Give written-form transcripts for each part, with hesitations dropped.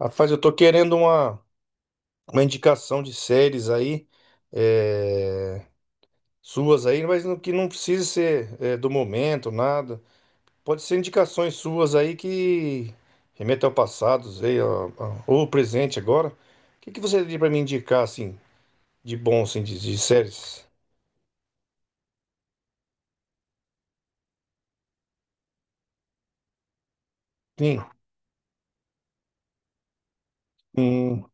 Rapaz, eu tô querendo uma indicação de séries aí, eh, suas aí, mas que não precisa ser do momento, nada. Pode ser indicações suas aí que remetam ao passado, sei, ó, ó, ou ao presente agora. O que que você teria pra me indicar, assim, de bom, assim, de séries? Sim. Hum.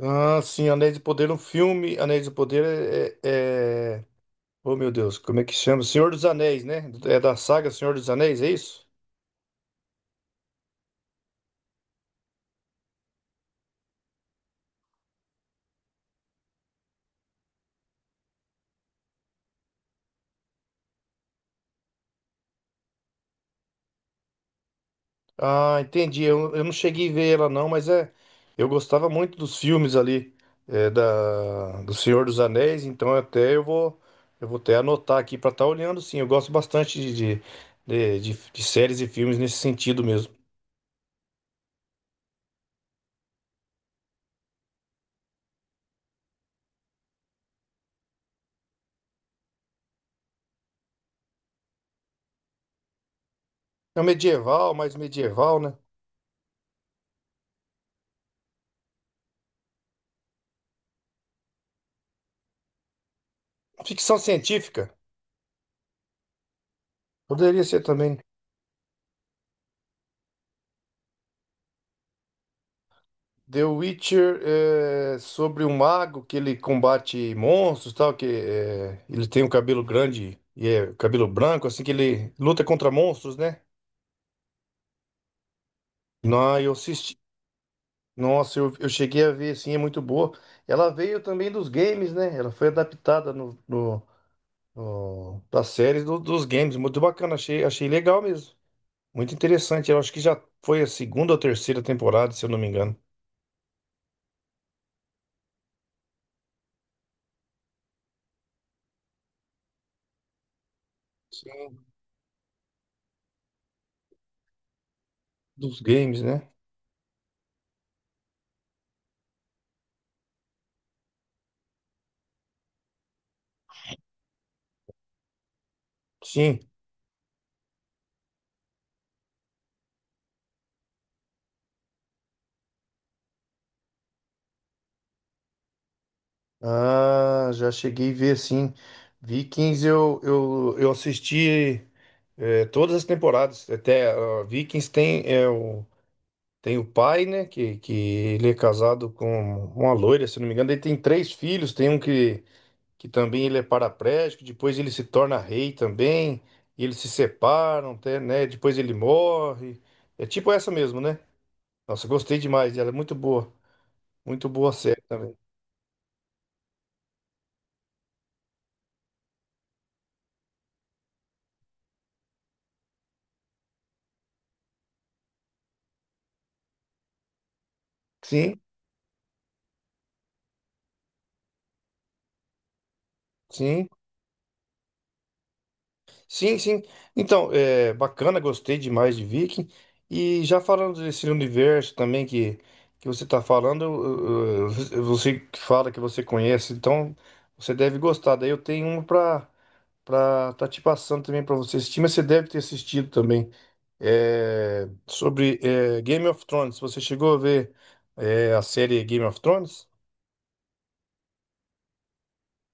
Ah, sim, Anéis do Poder, um filme. Anéis do Poder é. Oh, meu Deus, como é que chama? Senhor dos Anéis, né? É da saga Senhor dos Anéis, é isso? Ah, entendi. Eu não cheguei a ver ela não, mas é, eu gostava muito dos filmes ali é, da do Senhor dos Anéis, então até eu vou até anotar aqui pra estar olhando, sim. Eu gosto bastante de séries e filmes nesse sentido mesmo. É um medieval, mais medieval, né? Ficção científica poderia ser também. The Witcher é sobre um mago que ele combate monstros, e tal, que é, ele tem um cabelo grande e é cabelo branco, assim que ele luta contra monstros, né? Não, eu assisti. Nossa, eu cheguei a ver, assim, é muito boa. Ela veio também dos games, né? Ela foi adaptada no, no, no, pra série dos games. Muito bacana, achei, achei legal mesmo. Muito interessante. Eu acho que já foi a segunda ou terceira temporada, se eu não me engano. Sim. Dos games, né? Sim. Ah, já cheguei a ver sim. Vikings eu assisti todas as temporadas. Até ah, Vikings tem, é, o, tem o pai, né? Que ele é casado com uma loira, se não me engano. Ele tem três filhos, tem um que também ele é paraplégico, depois ele se torna rei também, e eles se separam, até, né? Depois ele morre. É tipo essa mesmo, né? Nossa, gostei demais, ela é muito boa. Muito boa a série também. Sim, sim. Sim, sim. Então, é bacana, gostei demais de Viking. E já falando desse universo também que você está falando, você que fala que você conhece, então você deve gostar. Daí eu tenho um para tá te passando também para você assistir, mas você deve ter assistido também. É, sobre é, Game of Thrones. Você chegou a ver é, a série Game of Thrones?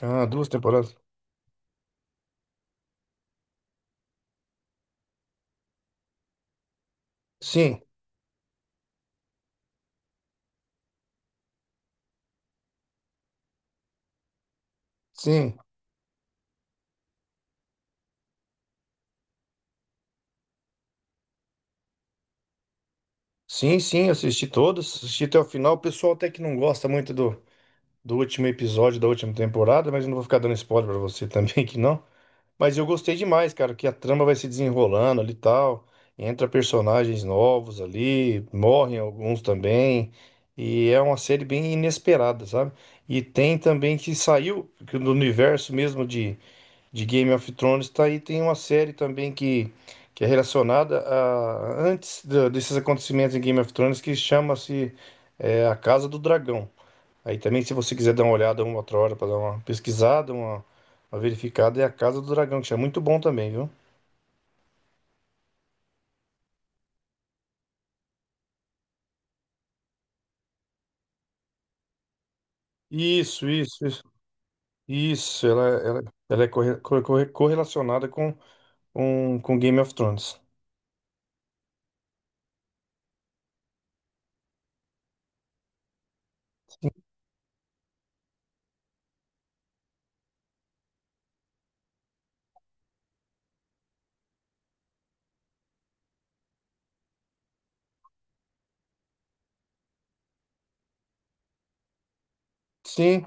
Ah, duas temporadas. Sim, sim. Sim, sim, assisti todos, assisti até o final. O pessoal até que não gosta muito do, do último episódio da última temporada, mas eu não vou ficar dando spoiler pra você também que não. Mas eu gostei demais, cara, que a trama vai se desenrolando ali e tal. Entra personagens novos ali, morrem alguns também. E é uma série bem inesperada, sabe? E tem também que saiu que do universo mesmo de Game of Thrones tá aí. Tem uma série também que é relacionada a desses acontecimentos em Game of Thrones que chama-se é, A Casa do Dragão. Aí também, se você quiser dar uma olhada uma outra hora para dar uma pesquisada, uma verificada, é A Casa do Dragão, que é muito bom também, viu? Isso, isso, isso. Isso, ela é correlacionada com Game of Thrones. Sim,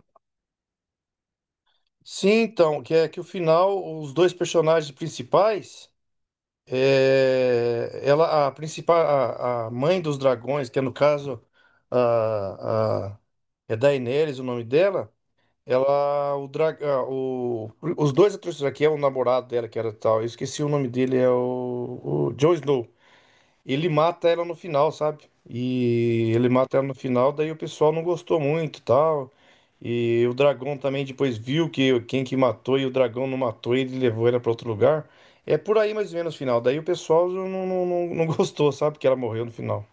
sim, então, que é que o final, os dois personagens principais. É, ela, a principal, a mãe dos dragões, que é no caso a, a, é Daenerys o nome dela, ela, o, dra, a- o, os dois atores, que é o namorado dela, que era tal, eu esqueci o nome dele, é o Jon Snow. Ele mata ela no final, sabe? E ele mata ela no final, daí o pessoal não gostou muito, e tal. E o dragão também depois viu que quem que matou e o dragão não matou, ele levou ela pra outro lugar. É por aí mais ou menos o final. Daí o pessoal não gostou, sabe? Que ela morreu no final.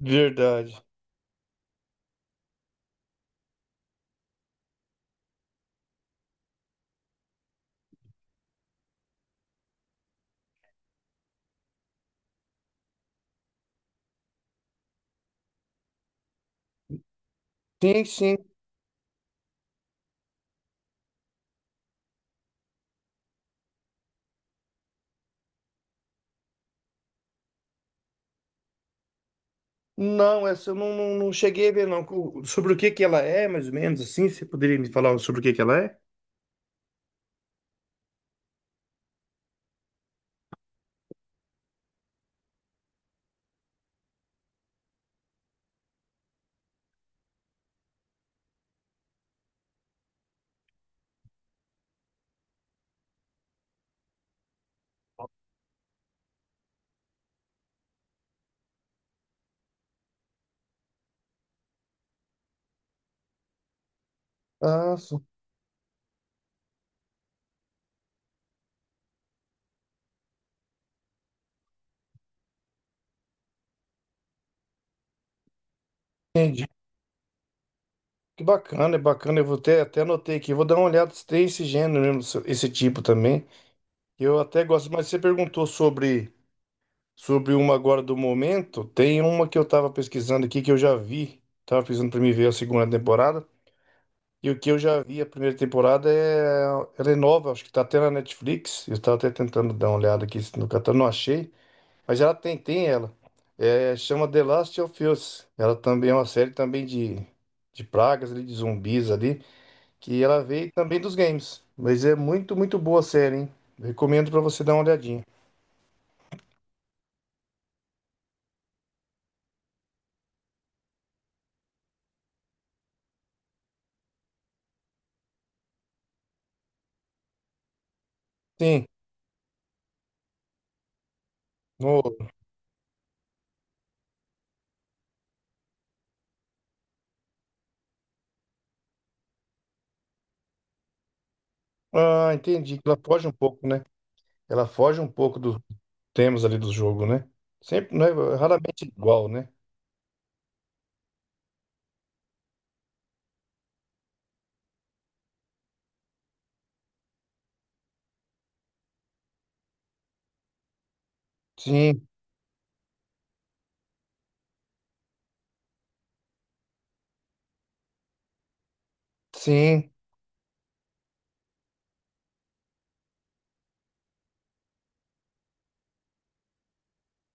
Verdade. Sim, sim. Não, essa eu não cheguei a ver, não. Sobre o que que ela é, mais ou menos, assim? Você poderia me falar sobre o que que ela é? Ah, sim. Entendi. Que bacana, é bacana. Eu vou ter, até anotei aqui. Vou dar uma olhada se tem esse gênero mesmo, esse tipo também. Eu até gosto, mas você perguntou sobre uma agora do momento. Tem uma que eu tava pesquisando aqui que eu já vi. Tava pesquisando pra mim ver a segunda temporada. E o que eu já vi a primeira temporada é. Ela é nova, acho que tá até na Netflix. Eu tava até tentando dar uma olhada aqui no catálogo, não achei. Mas ela tem, tem ela. É, chama The Last of Us. Ela também é uma série também de pragas, ali, de zumbis ali que ela veio também dos games. Mas é muito, muito boa a série, hein? Recomendo pra você dar uma olhadinha. Sim. no- Ah, entendi. Ela foge um pouco, né? Ela foge um pouco dos temas ali do jogo, né? Sempre, né? Raramente igual, né? Sim, sim.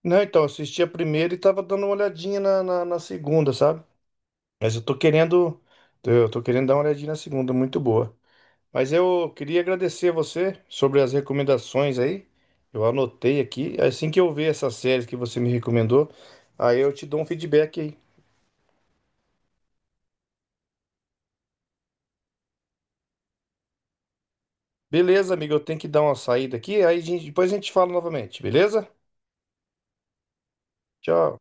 Não, então, eu assisti a primeira e tava dando uma olhadinha na segunda, sabe? Mas eu tô querendo. Eu tô querendo dar uma olhadinha na segunda, muito boa. Mas eu queria agradecer você sobre as recomendações aí. Eu anotei aqui. Assim que eu ver essas séries que você me recomendou, aí eu te dou um feedback aí. Beleza, amigo? Eu tenho que dar uma saída aqui. Depois a gente fala novamente, beleza? Tchau.